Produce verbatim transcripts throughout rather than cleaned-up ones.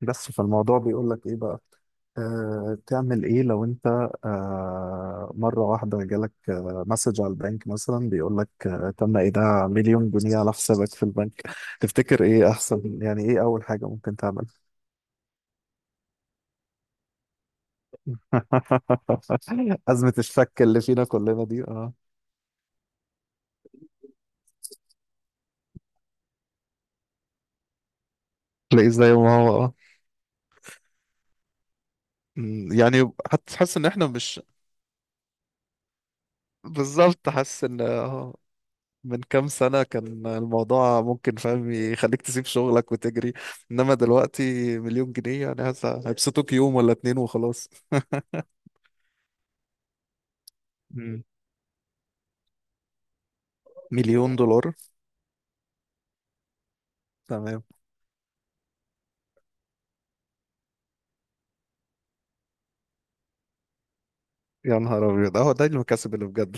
بس فالموضوع بيقول لك ايه بقى؟ آه تعمل ايه لو انت آه مره واحده جالك، آه مسج على البنك مثلا بيقول لك آه تم ايداع مليون جنيه على حسابك في البنك. تفتكر ايه احسن؟ يعني ايه اول حاجه ممكن تعمل؟ ازمه الشك اللي فينا كلنا دي. اه، تلاقيه زي ما هو. اه. مم، يعني حتى تحس ان احنا مش بالظبط، حاسس ان من كام سنة كان الموضوع ممكن فاهم يخليك تسيب شغلك وتجري، انما دلوقتي مليون جنيه يعني هت- هيبسطوك يوم ولا اتنين وخلاص. مم. مليون دولار. تمام. يا نهار ابيض، اهو ده المكاسب اللي بجد.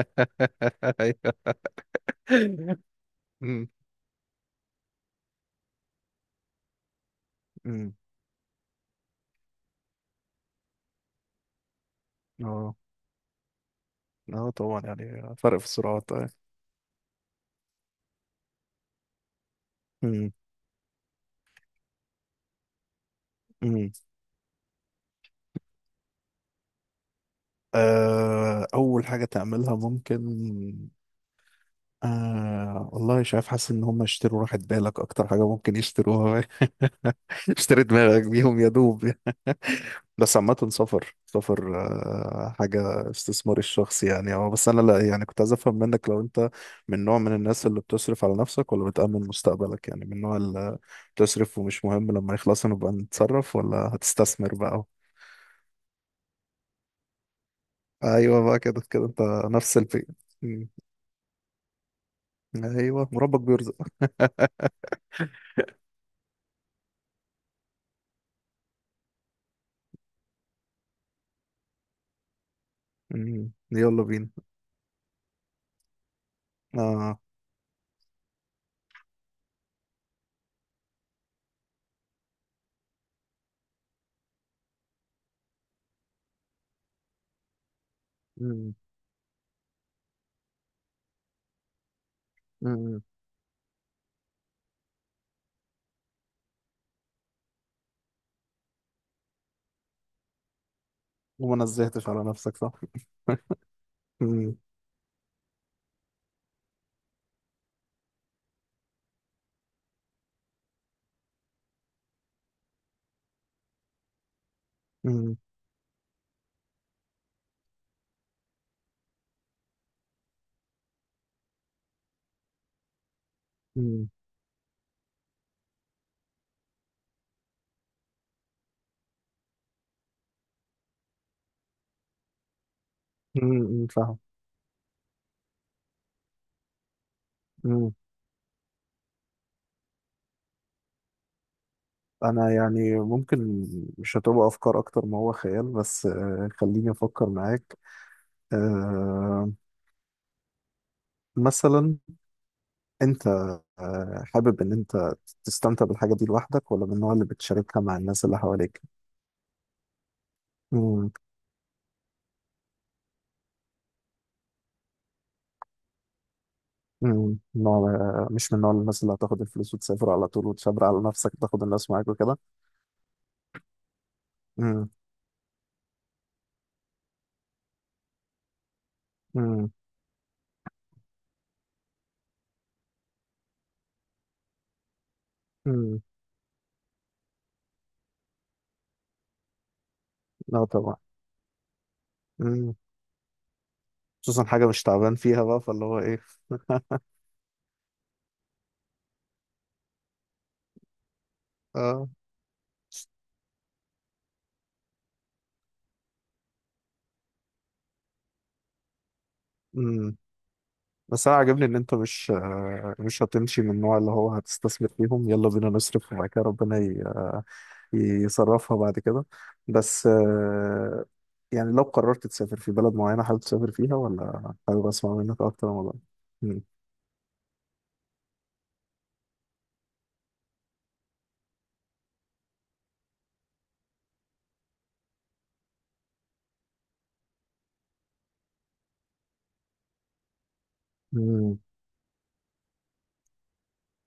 أيوة. مم. مم. اه. اه طبعا، يعني فرق في السرعات آه. مم. مم. آه، اول حاجة تعملها ممكن. آه والله مش عارف، حاسس ان هم يشتروا راحة بالك، اكتر حاجة ممكن يشتروها. اشتري دماغك بيهم يا دوب. بس عامة سفر سفر، آه حاجة استثمار الشخص يعني. اه بس انا لا، يعني كنت عايز افهم منك لو انت من نوع من الناس اللي بتصرف على نفسك ولا بتأمن مستقبلك. يعني من النوع اللي بتصرف ومش مهم لما يخلص نبقى نتصرف، ولا هتستثمر بقى؟ ايوه بقى، كده كده انت نفس الفكرة. مم. ايوه، وربك بيرزق. مم. يلا بينا. آه. مم. مم. وما نزهتش على نفسك، صح؟ مم. مم. مم. مم. فاهم. مم. انا يعني ممكن مش هتبقى افكار اكتر ما هو خيال، بس آه، خليني افكر معاك. آه، مثلا انت آه، حابب ان انت تستمتع بالحاجه دي لوحدك ولا من النوع اللي بتشاركها مع الناس اللي حواليك؟ مم. مم. نوع آه، مش من نوع الناس اللي هتاخد الفلوس وتسافر على طول وتشبر على نفسك تاخد الناس معاك وكده؟ مم. مم. مم. لا طبعا. خصوصا حاجة مش تعبان فيها بقى فاللي هو ايه. اه. امم. بس انا عاجبني ان انت مش آه، مش هتمشي من النوع اللي هو هتستثمر فيهم. يلا بينا نصرف وبعد كده ربنا ي- آه، يصرفها بعد كده. بس آه، يعني لو قررت تسافر في بلد معينة، حابب تسافر فيها؟ ولا حابب اسمع منك اكتر عن الموضوع؟ مم. مم.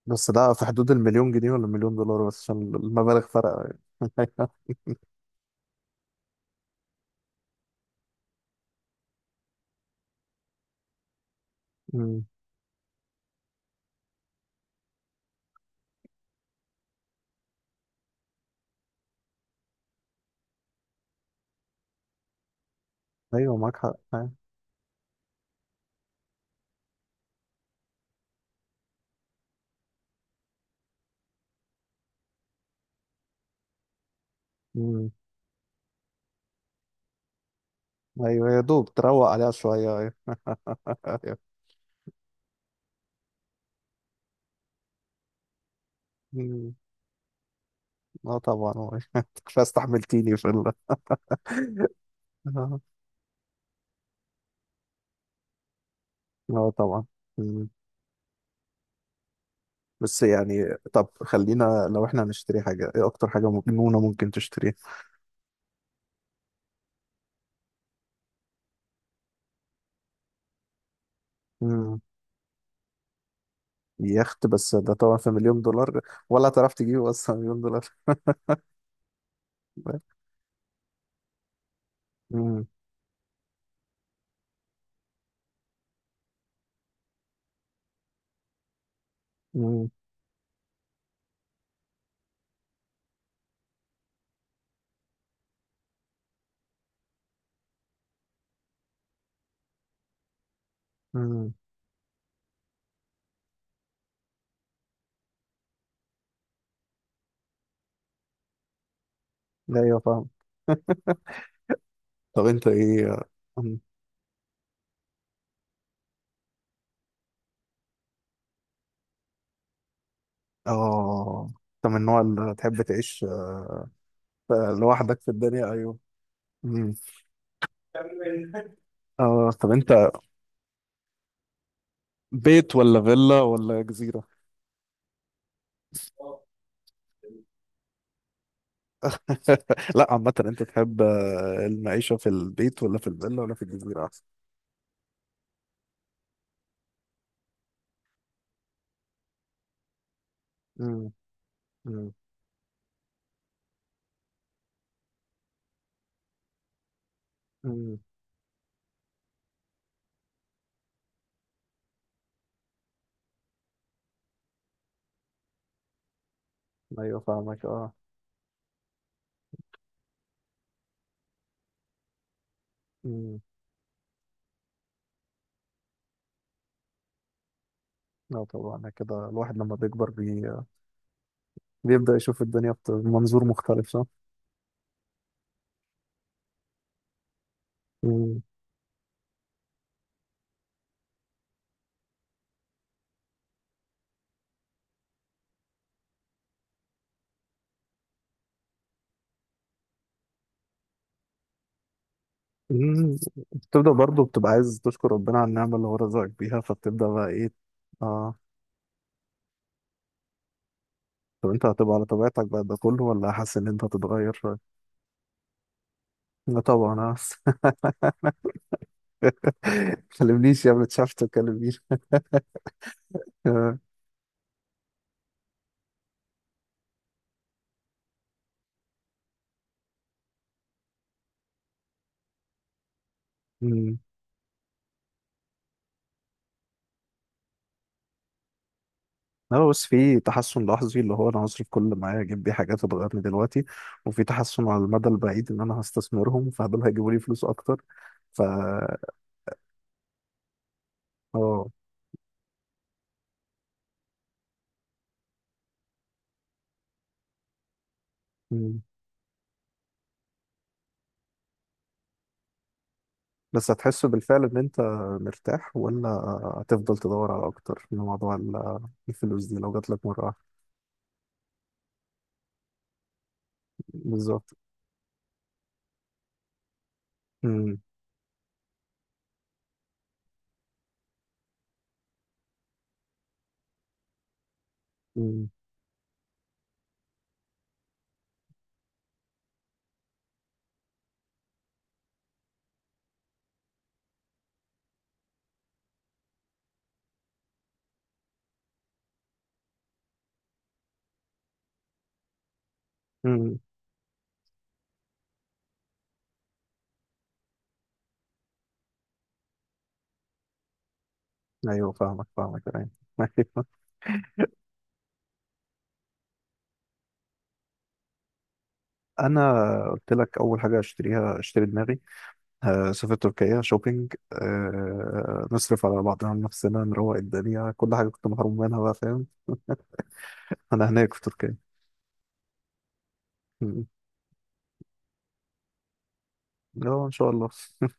بس ده في حدود المليون جنيه ولا مليون دولار؟ بس عشان المبالغ فرق. مم. ايوه معاك حق. مم. ايوه يا دوب تروق عليها شويه، ايوه. أيوة. مم. اه طبعا هو. انت كفايه استحملتيني في ال اه. آه طبعا. مم. بس يعني، طب خلينا لو احنا هنشتري حاجه، ايه اكتر حاجه مجنونه ممكن تشتريها؟ مم. يخت، بس ده طبعا في مليون دولار، ولا تعرف تجيبه اصلا مليون دولار؟ مم. مم. مم. لا ايوه فاهم. طب انت ايه؟ مم. اه، انت من النوع اللي تحب تعيش آه، لوحدك في الدنيا؟ ايوه. مم. اه طب انت، بيت ولا فيلا ولا جزيرة؟ لا عامة انت تحب آه، المعيشة في البيت ولا في الفيلا ولا في الجزيرة احسن؟ امم. امم. امم. ايوه فاهمك. اه. امم. لا طبعا، كده الواحد لما بيكبر بي... بيبدأ يشوف الدنيا بت- بمنظور مختلف، صح؟ امم. أمم. بتبدأ برضه بتبقى عايز تشكر ربنا على النعمة اللي هو رزقك بيها، فبتبدأ بقى ايه. اه، طب انت هتبقى على طبيعتك بعد ده كله، ولا حاسس ان انت هتتغير شوية؟ لا طبعا اه. كلمنيش يا ابني، اتشافت، كلمنيش. لا بس في تحسن لحظي، اللي هو انا هصرف كل اللي معايا اجيب بيه حاجات هتغيرني دلوقتي، وفي تحسن على المدى البعيد ان انا هستثمرهم فدول هيجيبوا لي فلوس اكتر. ف اه. مم. بس هتحس بالفعل ان انت مرتاح، ولا هتفضل تدور على اكتر من موضوع ال- الفلوس دي لو جات لك مره واحده؟ بالظبط. مم. مم. مم. ايوه فاهمك فاهمك. أيوة. انا قلت لك اول حاجه اشتريها، اشتري دماغي. آه، سافر تركيا شوبينج. آه، نصرف على بعضنا، نفسنا نروق الدنيا، كل حاجة كنت محروم منها بقى، فاهم؟ أنا هناك في تركيا. م. اه إن شاء الله.